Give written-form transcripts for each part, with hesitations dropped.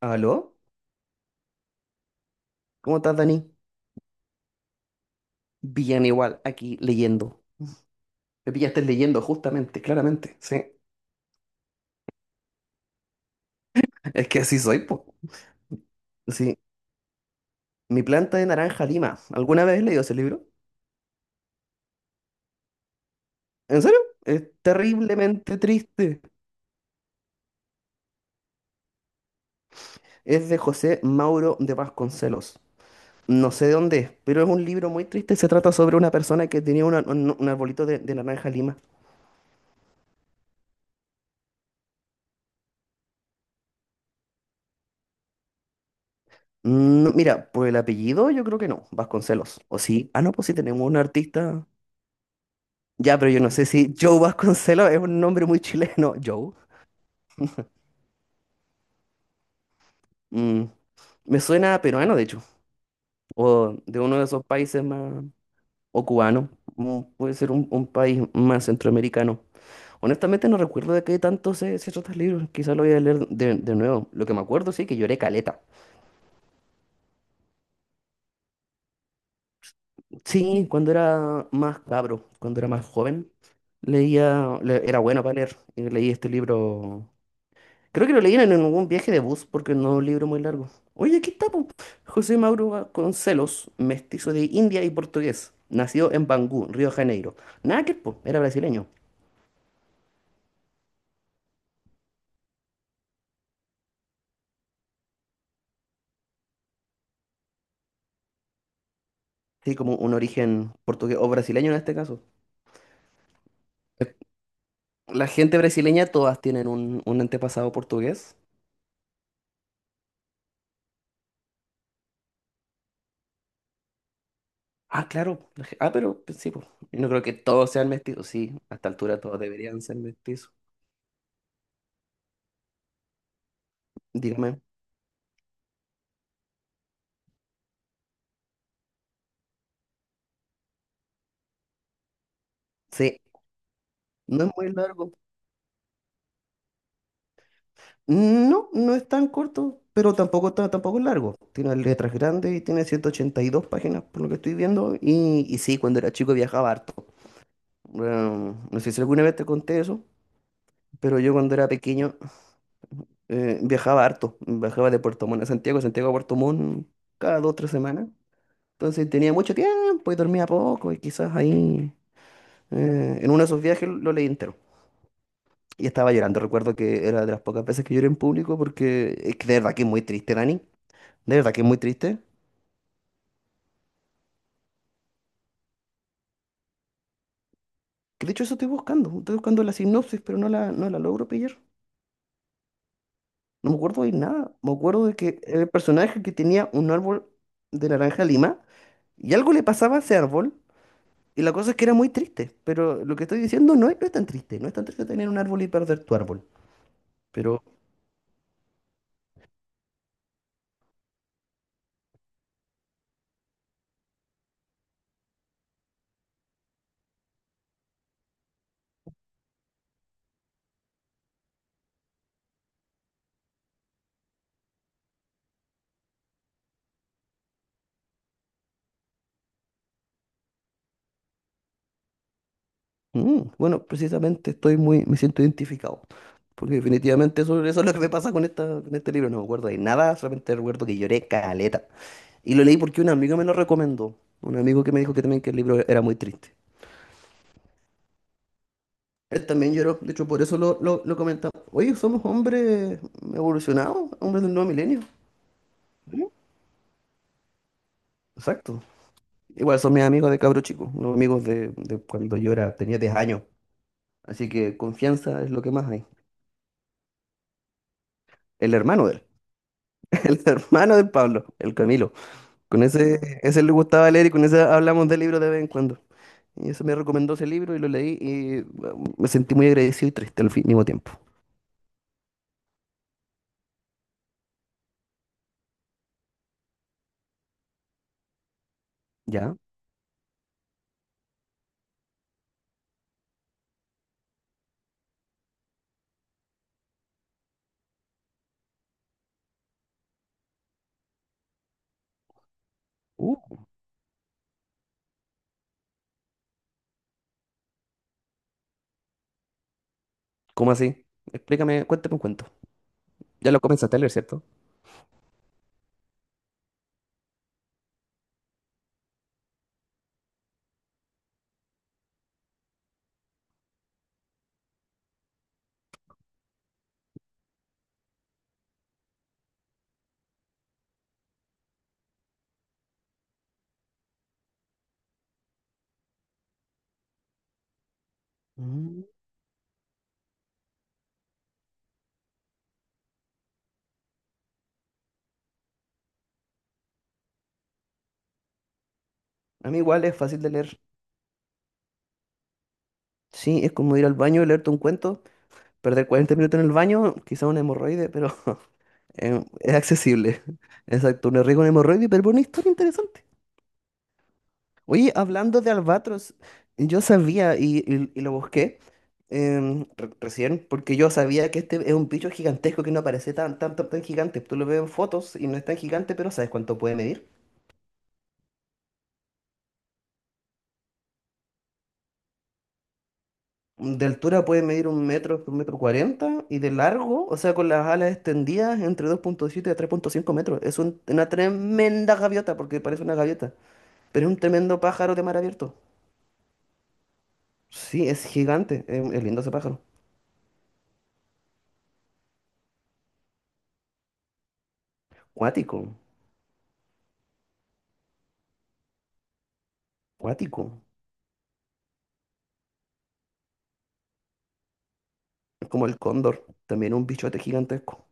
¿Aló? ¿Cómo estás, Dani? Bien igual, aquí leyendo. Me pillaste leyendo, justamente, claramente. Sí, es que así soy, po. Sí, mi planta de naranja lima. ¿Alguna vez has leído ese libro? ¿En serio? Es terriblemente triste. Es de José Mauro de Vasconcelos. No sé de dónde es, pero es un libro muy triste. Se trata sobre una persona que tenía un arbolito de naranja lima. Mira, por el apellido yo creo que no, Vasconcelos. ¿O sí? Ah, no, pues sí tenemos un artista. Ya, pero yo no sé si Joe Vasconcelos es un nombre muy chileno. Joe. Mm, me suena a peruano, de hecho. O de uno de esos países más. O cubano. Puede ser un país más centroamericano. Honestamente no recuerdo de qué tanto se trata el libro. Quizá lo voy a leer de nuevo. Lo que me acuerdo, sí, que lloré caleta. Sí, cuando era más cabro, cuando era más joven, leía. Era bueno para leer. Y leí este libro. Creo que lo leyeron en algún viaje de bus porque no es un libro muy largo. Oye, aquí está, po. José Mauro Vasconcelos, mestizo de India y portugués. Nació en Bangú, Río de Janeiro. Nada que, po, era brasileño. Sí, como un origen portugués o brasileño en este caso. La gente brasileña todas tienen un antepasado portugués. Ah, claro. Ah, pero pues, sí, pues. Yo no creo que todos sean mestizos. Sí, a esta altura todos deberían ser mestizos. Dígame. Sí, no es muy largo. No, no es tan corto, pero tampoco es largo. Tiene letras grandes y tiene 182 páginas, por lo que estoy viendo. Y sí, cuando era chico viajaba harto. Bueno, no sé si alguna vez te conté eso, pero yo cuando era pequeño viajaba harto. Viajaba de Puerto Montt a Santiago, Santiago a Puerto Montt cada 2 o 3 semanas. Entonces tenía mucho tiempo y dormía poco y quizás ahí, en uno de esos viajes lo leí entero. Y estaba llorando. Recuerdo que era de las pocas veces que lloré en público porque es que de verdad que es muy triste, Dani. De verdad que es muy triste. Que de hecho eso estoy buscando. Estoy buscando la sinopsis, pero no la logro pillar. No me acuerdo de nada. Me acuerdo de que el personaje que tenía un árbol de naranja lima y algo le pasaba a ese árbol. Y la cosa es que era muy triste. Pero lo que estoy diciendo no es, no es tan triste. No es tan triste tener un árbol y perder tu árbol. Pero bueno, precisamente estoy muy, me siento identificado. Porque definitivamente eso, eso es lo que me pasa con este libro. No me acuerdo de nada. Solamente recuerdo que lloré caleta. Y lo leí porque un amigo me lo recomendó. Un amigo que me dijo que también que el libro era muy triste. Él también lloró, de hecho por eso lo comentamos. Oye, somos hombres evolucionados, hombres del nuevo milenio. ¿Mm? Exacto. Igual son mis amigos de cabro chico, los amigos de cuando yo era, tenía 10 años. Así que confianza es lo que más hay. El hermano de él, el hermano del Pablo, el Camilo. Con ese le gustaba leer y con ese hablamos del libro de vez en cuando. Y eso me recomendó ese libro y lo leí y bueno, me sentí muy agradecido y triste al mismo tiempo. ¿Ya? Uh, ¿Cómo así? Explícame, cuéntame un cuento. Ya lo comenzaste a leer, ¿cierto? Mm, A mí igual es fácil de leer. Sí, es como ir al baño y leerte un cuento, perder 40 minutos en el baño, quizá una hemorroide, pero es accesible. Exacto, un riesgo una hemorroide, pero una historia interesante. Oye, hablando de albatros, yo sabía y lo busqué recién, porque yo sabía que este es un bicho gigantesco que no parece tan, tan, tan, tan gigante. Tú lo ves en fotos y no es tan gigante, pero ¿sabes cuánto puede medir? De altura puede medir un metro cuarenta, y de largo, o sea, con las alas extendidas, entre 2.7 a 3,5 metros. Es un- una tremenda gaviota, porque parece una gaviota, pero es un tremendo pájaro de mar abierto. Sí, es gigante, es lindo ese pájaro. Cuático, cuático. Es como el cóndor, también un bichote gigantesco.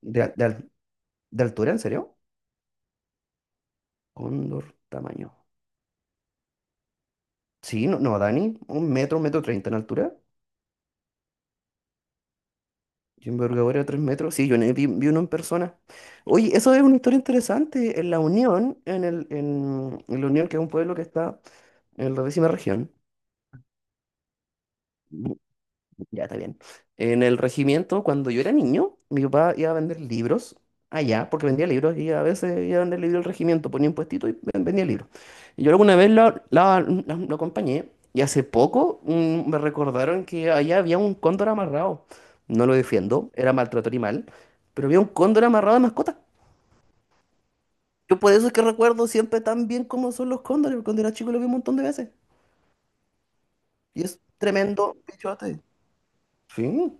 ¿De, al- de al- de altura, en serio? Cóndor, tamaño. Sí, no, no, Dani, un metro treinta en altura. ¿Y envergadura de 3 metros? Sí, yo vi uno en persona. Oye, eso es una historia interesante. En La Unión, que es un pueblo que está en la décima región, ya está bien. En el regimiento, cuando yo era niño, mi papá iba a vender libros allá, porque vendía libros y a veces iba a vender libros al regimiento, ponía un puestito y vendía libros. Y yo alguna vez lo acompañé y hace poco me recordaron que allá había un cóndor amarrado. No lo defiendo, era maltrato animal, pero había un cóndor amarrado de mascota. Yo por eso es que recuerdo siempre tan bien cómo son los cóndores, porque cuando era chico lo vi un montón de veces. Y es tremendo bichote. Sí,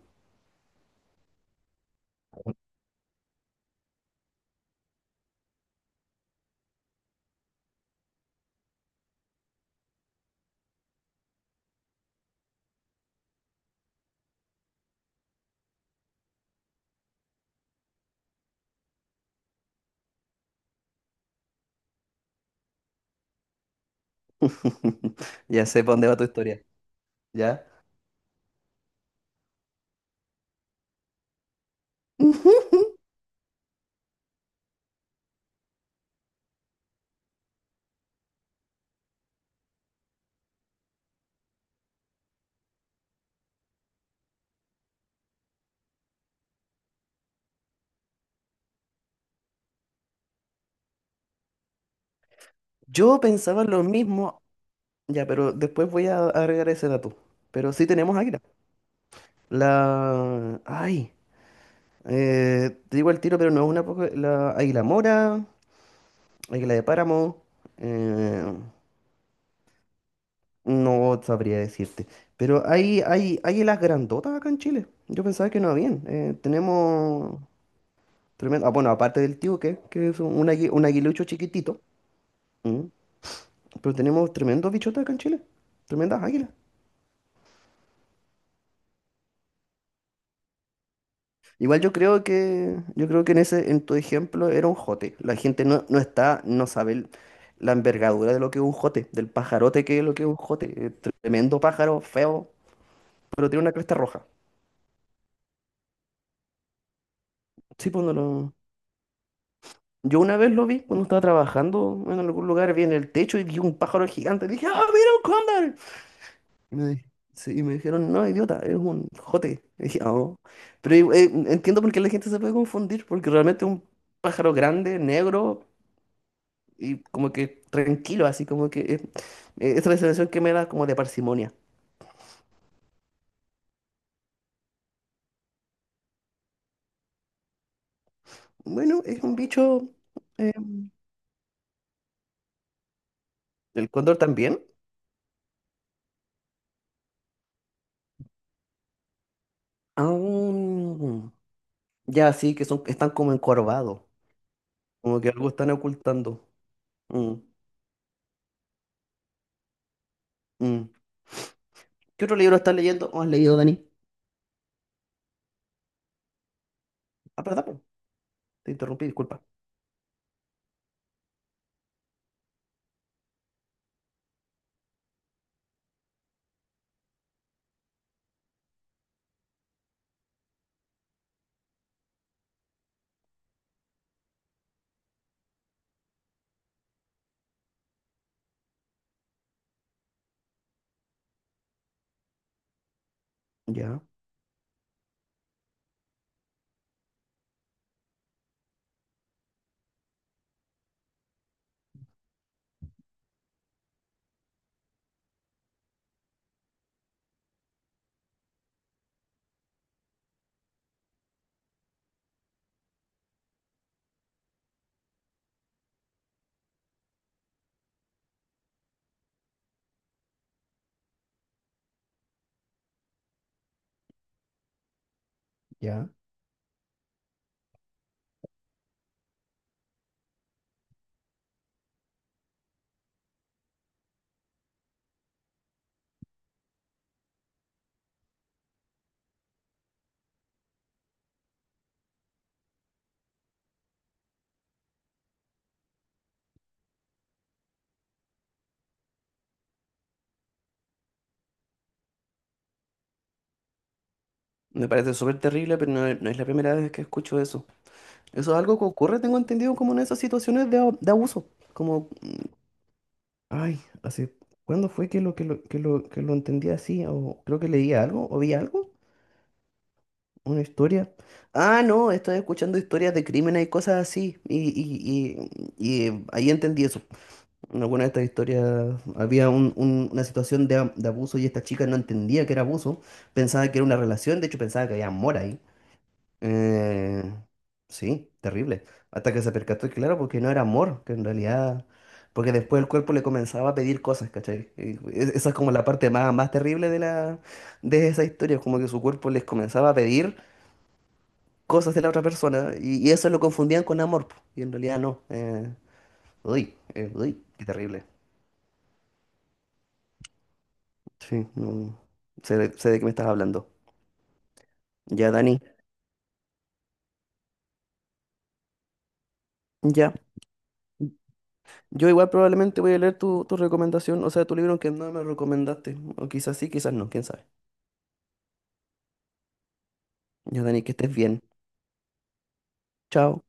ya sé para dónde va tu historia. ¿Ya? Ujú. Yo pensaba lo mismo, ya, pero después voy a agregar ese dato. Pero sí tenemos águila. La. Ay, te digo el tiro, pero no es una poco. La águila mora, águila de páramo, eh, no sabría decirte. Pero hay águilas grandotas acá en Chile. Yo pensaba que no habían. Tenemos. Tremendo. Ah, bueno, aparte del tíuque, que es un aguilucho chiquitito. ¿M? Pero tenemos tremendos bichotes acá en Chile. Tremendas águilas. Igual yo creo que en ese, en tu ejemplo era un jote. La gente no está, no sabe la envergadura de lo que es un jote, del pajarote que es lo que es un jote. Tremendo pájaro, feo, pero tiene una cresta roja. Sí, pues no lo. Yo una vez lo vi cuando estaba trabajando en algún lugar, vi en el techo y vi un pájaro gigante. Dije, ¡ah, mira un cóndor! Y me, di- sí, y me dijeron, no, idiota, es un jote. Y dije, "Ah, oh". Pero entiendo por qué la gente se puede confundir, porque realmente un pájaro grande, negro. Y como que tranquilo, así como que esa es la sensación que me da como de parsimonia. Bueno, es un bicho, eh, el cóndor también. Aún ya sí, que son, están como encorvados, como que algo están ocultando. Mm, mm. ¿Qué otro libro estás leyendo o has leído, Dani? Ah, perdón, po, te interrumpí, disculpa. Ya, ya. Me parece súper terrible, pero no, no es la primera vez que escucho eso. Eso es algo que ocurre, tengo entendido, como en esas situaciones de abuso, como Ay, ¿hace cuándo fue que lo entendí así? O creo que leí algo, o vi algo, una historia. Ah, no, estoy escuchando historias de crímenes y cosas así. Y ahí entendí eso. En alguna de estas historias había una situación de abuso y esta chica no entendía que era abuso. Pensaba que era una relación, de hecho pensaba que había amor ahí. Eh, sí, terrible. Hasta que se percató, que, claro, porque no era amor, que en realidad, porque después el cuerpo le comenzaba a pedir cosas, ¿cachai? Y esa es como la parte más, más terrible de la, de esa historia, como que su cuerpo les comenzaba a pedir cosas de la otra persona y eso lo confundían con amor, po, y en realidad no. Uy, qué terrible. Sí, no, sé de qué me estás hablando. Ya, Dani, ya. Yo igual probablemente voy a leer tu, tu recomendación, o sea, tu libro que no me recomendaste. O quizás sí, quizás no, quién sabe. Ya, Dani, que estés bien. Chao.